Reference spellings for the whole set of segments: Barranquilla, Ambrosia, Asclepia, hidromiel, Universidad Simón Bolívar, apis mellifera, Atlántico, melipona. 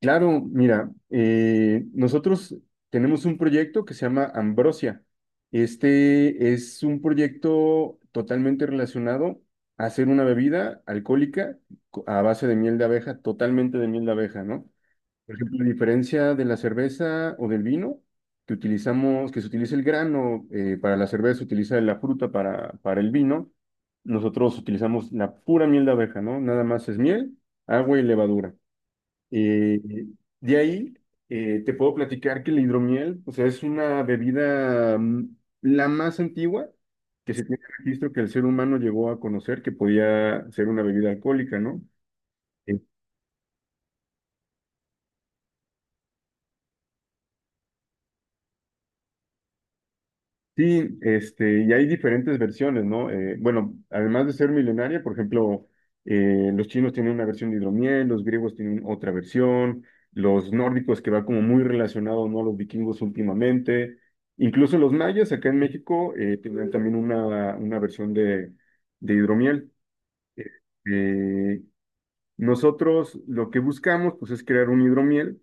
Claro, mira, nosotros tenemos un proyecto que se llama Ambrosia. Este es un proyecto totalmente relacionado a hacer una bebida alcohólica a base de miel de abeja, totalmente de miel de abeja, ¿no? Por ejemplo, a diferencia de la cerveza o del vino, que se utiliza el grano para la cerveza, se utiliza la fruta para el vino, nosotros utilizamos la pura miel de abeja, ¿no? Nada más es miel, agua y levadura. Eh, de ahí te puedo platicar que la hidromiel, o sea, es una bebida la más antigua que se tiene registro que el ser humano llegó a conocer que podía ser una bebida alcohólica, ¿no? Sí, este, y hay diferentes versiones, ¿no? Bueno, además de ser milenaria, por ejemplo, los chinos tienen una versión de hidromiel, los griegos tienen otra versión, los nórdicos, que va como muy relacionado, ¿no?, a los vikingos últimamente, incluso los mayas acá en México tienen también una versión de hidromiel. Eh, Nosotros lo que buscamos, pues, es crear un hidromiel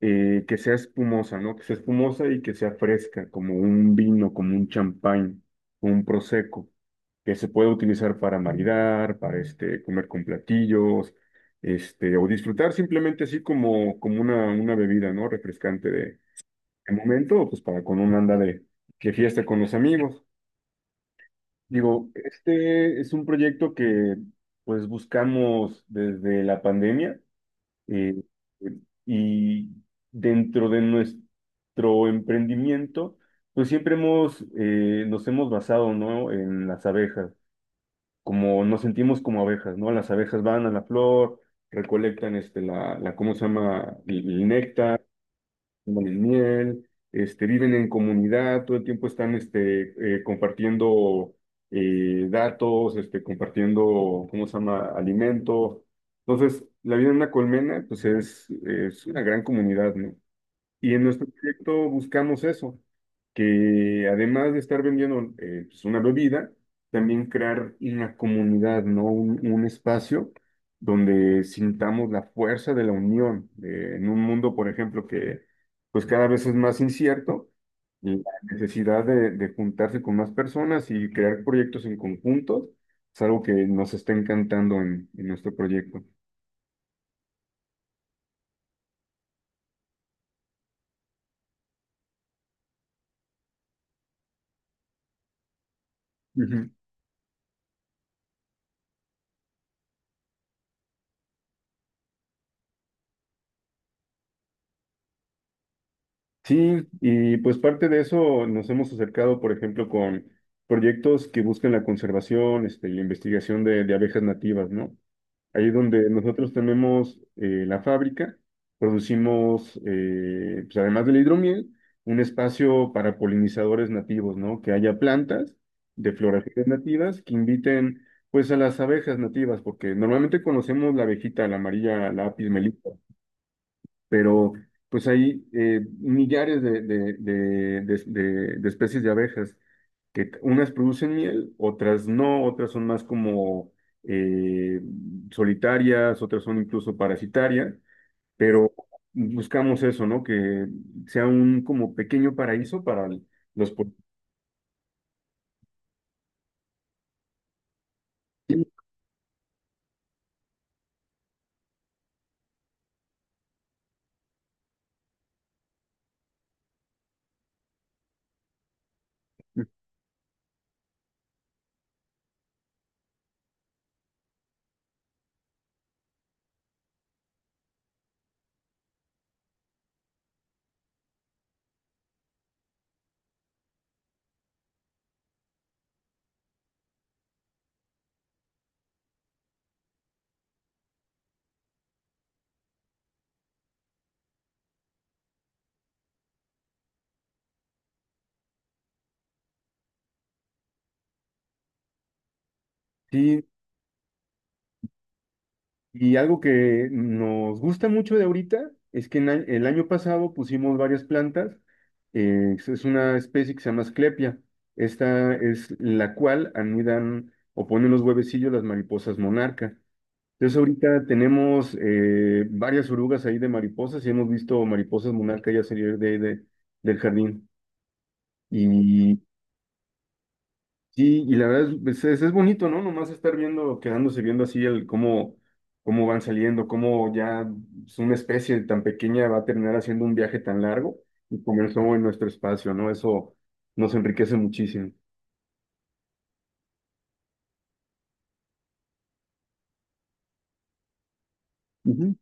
que sea espumosa, ¿no? Que sea espumosa y que sea fresca, como un vino, como un champán, como un prosecco, que se puede utilizar para maridar, para este, comer con platillos, este, o disfrutar simplemente así como una bebida, ¿no? Refrescante de momento, o pues para con una anda de fiesta con los amigos. Digo, este es un proyecto que pues buscamos desde la pandemia eh, eh, y dentro de nuestro emprendimiento, pues siempre nos hemos basado, ¿no?, en las abejas, como nos sentimos como abejas, ¿no? Las abejas van a la flor, recolectan este, la, ¿cómo se llama?, el néctar, toman el miel, este, viven en comunidad, todo el tiempo están este, compartiendo datos, este, compartiendo, ¿cómo se llama?, alimento. Entonces, la vida en una colmena, pues es una gran comunidad, ¿no? Y en nuestro proyecto buscamos eso, que además de estar vendiendo pues, una bebida, también crear una comunidad, ¿no? Un espacio donde sintamos la fuerza de la unión, en un mundo, por ejemplo, que pues cada vez es más incierto, y la necesidad de juntarse con más personas y crear proyectos en conjunto es algo que nos está encantando en nuestro proyecto. Sí, y pues parte de eso nos hemos acercado, por ejemplo, con proyectos que buscan la conservación, este, y la investigación de abejas nativas, ¿no? Ahí donde nosotros tenemos la fábrica, producimos, pues además del hidromiel, un espacio para polinizadores nativos, ¿no? Que haya plantas de floraciones nativas que inviten, pues, a las abejas nativas, porque normalmente conocemos la abejita, la amarilla, la Apis mellifera, pero pues hay millares de especies de abejas, que unas producen miel, otras no, otras son más como eh, solitarias, otras son incluso parasitarias, pero buscamos eso, ¿no? Que sea un como pequeño paraíso para los... por- Sí, sí, y algo que nos gusta mucho de ahorita es que en el año pasado pusimos varias plantas. Es una especie que se llama Asclepia. Esta es la cual anidan o ponen los huevecillos las mariposas monarca. Entonces ahorita tenemos varias orugas ahí de mariposas y hemos visto mariposas monarca ya salir del jardín. y Sí, y la verdad es bonito, ¿no? Nomás estar viendo, quedándose viendo así el cómo, cómo van saliendo, cómo ya pues, una especie tan pequeña va a terminar haciendo un viaje tan largo y comenzó en nuestro espacio, ¿no? Eso nos enriquece muchísimo. Ujú.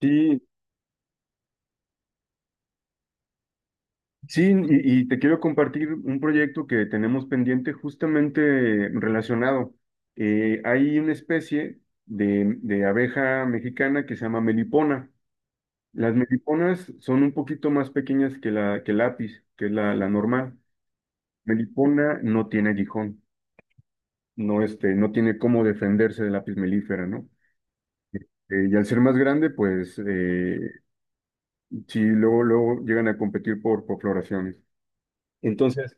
Sí, sí, y te quiero compartir un proyecto que tenemos pendiente justamente relacionado. Hay una especie de abeja mexicana que se llama melipona. Las meliponas son un poquito más pequeñas que la que el lápiz, que es la normal. Melipona no tiene aguijón, no, este, no tiene cómo defenderse del lápiz melífera, ¿no? Y al ser más grande, pues sí, luego, luego llegan a competir por floraciones. Entonces,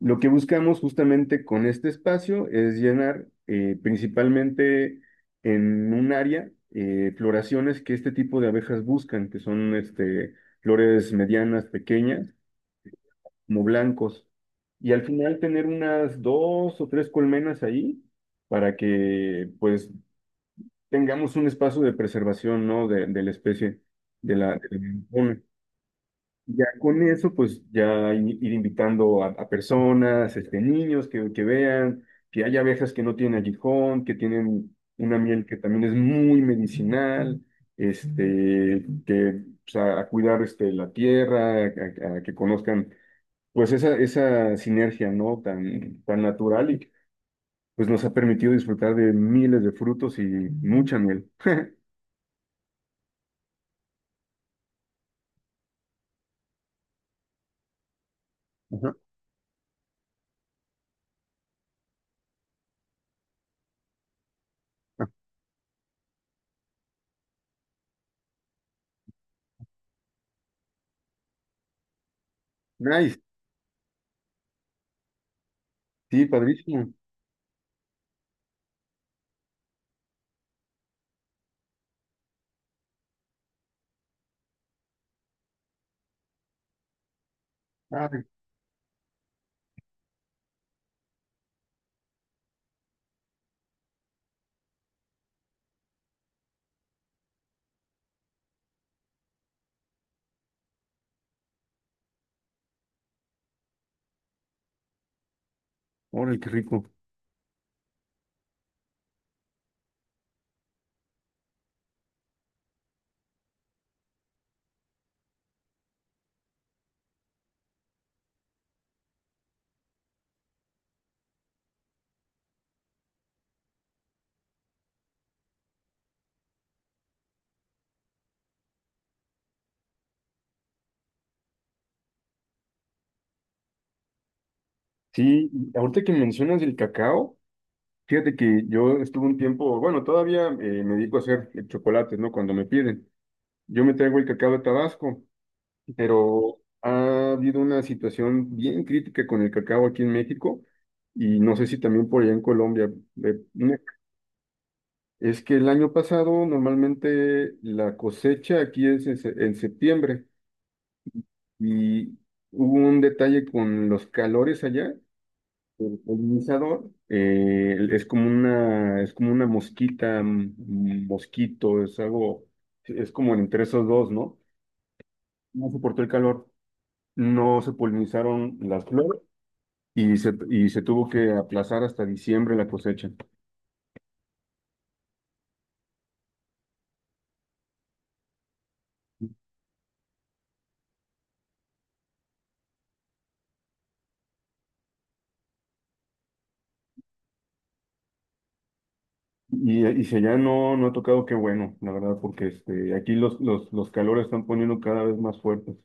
lo que buscamos justamente con este espacio es llenar principalmente en un área floraciones que este tipo de abejas buscan, que son este, flores medianas, pequeñas como blancos. Y al final tener unas dos o tres colmenas ahí para que pues tengamos un espacio de preservación, ¿no? De la especie, de la megafauna. Ya con eso, pues ya ir invitando a personas, este, niños que vean, que hay abejas que no tienen aguijón, que tienen una miel que también es muy medicinal, este, que, o sea, a cuidar este, la tierra, a, a que conozcan pues esa sinergia, ¿no? Tan, tan natural y pues nos ha permitido disfrutar de miles de frutos y mucha miel. Ajá. Ah, nice, sí, padrísimo. Ay, órale, qué rico. Sí, y ahorita que mencionas el cacao, fíjate que yo estuve un tiempo, bueno, todavía me dedico a hacer chocolates, ¿no? Cuando me piden. Yo me traigo el cacao de Tabasco, pero ha habido una situación bien crítica con el cacao aquí en México y no sé si también por allá en Colombia, una Es que el año pasado normalmente la cosecha aquí es en septiembre y hubo un detalle con los calores allá. El polinizador es como una mosquita, mosquito, es algo, es como entre esos dos, ¿no? No soportó el calor, no se polinizaron las flores y se tuvo que aplazar hasta diciembre la cosecha. Y si allá no, no ha tocado, qué bueno, la verdad, porque este, aquí los calores están poniendo cada vez más fuertes.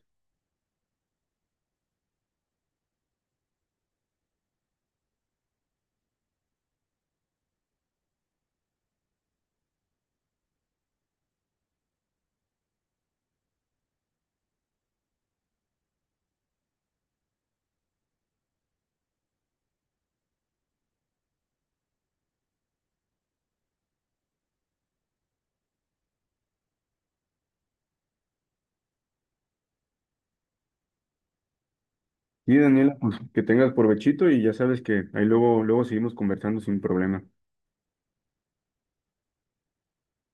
Sí, Daniela, pues que tengas provechito y ya sabes que ahí luego, luego seguimos conversando sin problema.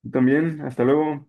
Tú también, hasta luego.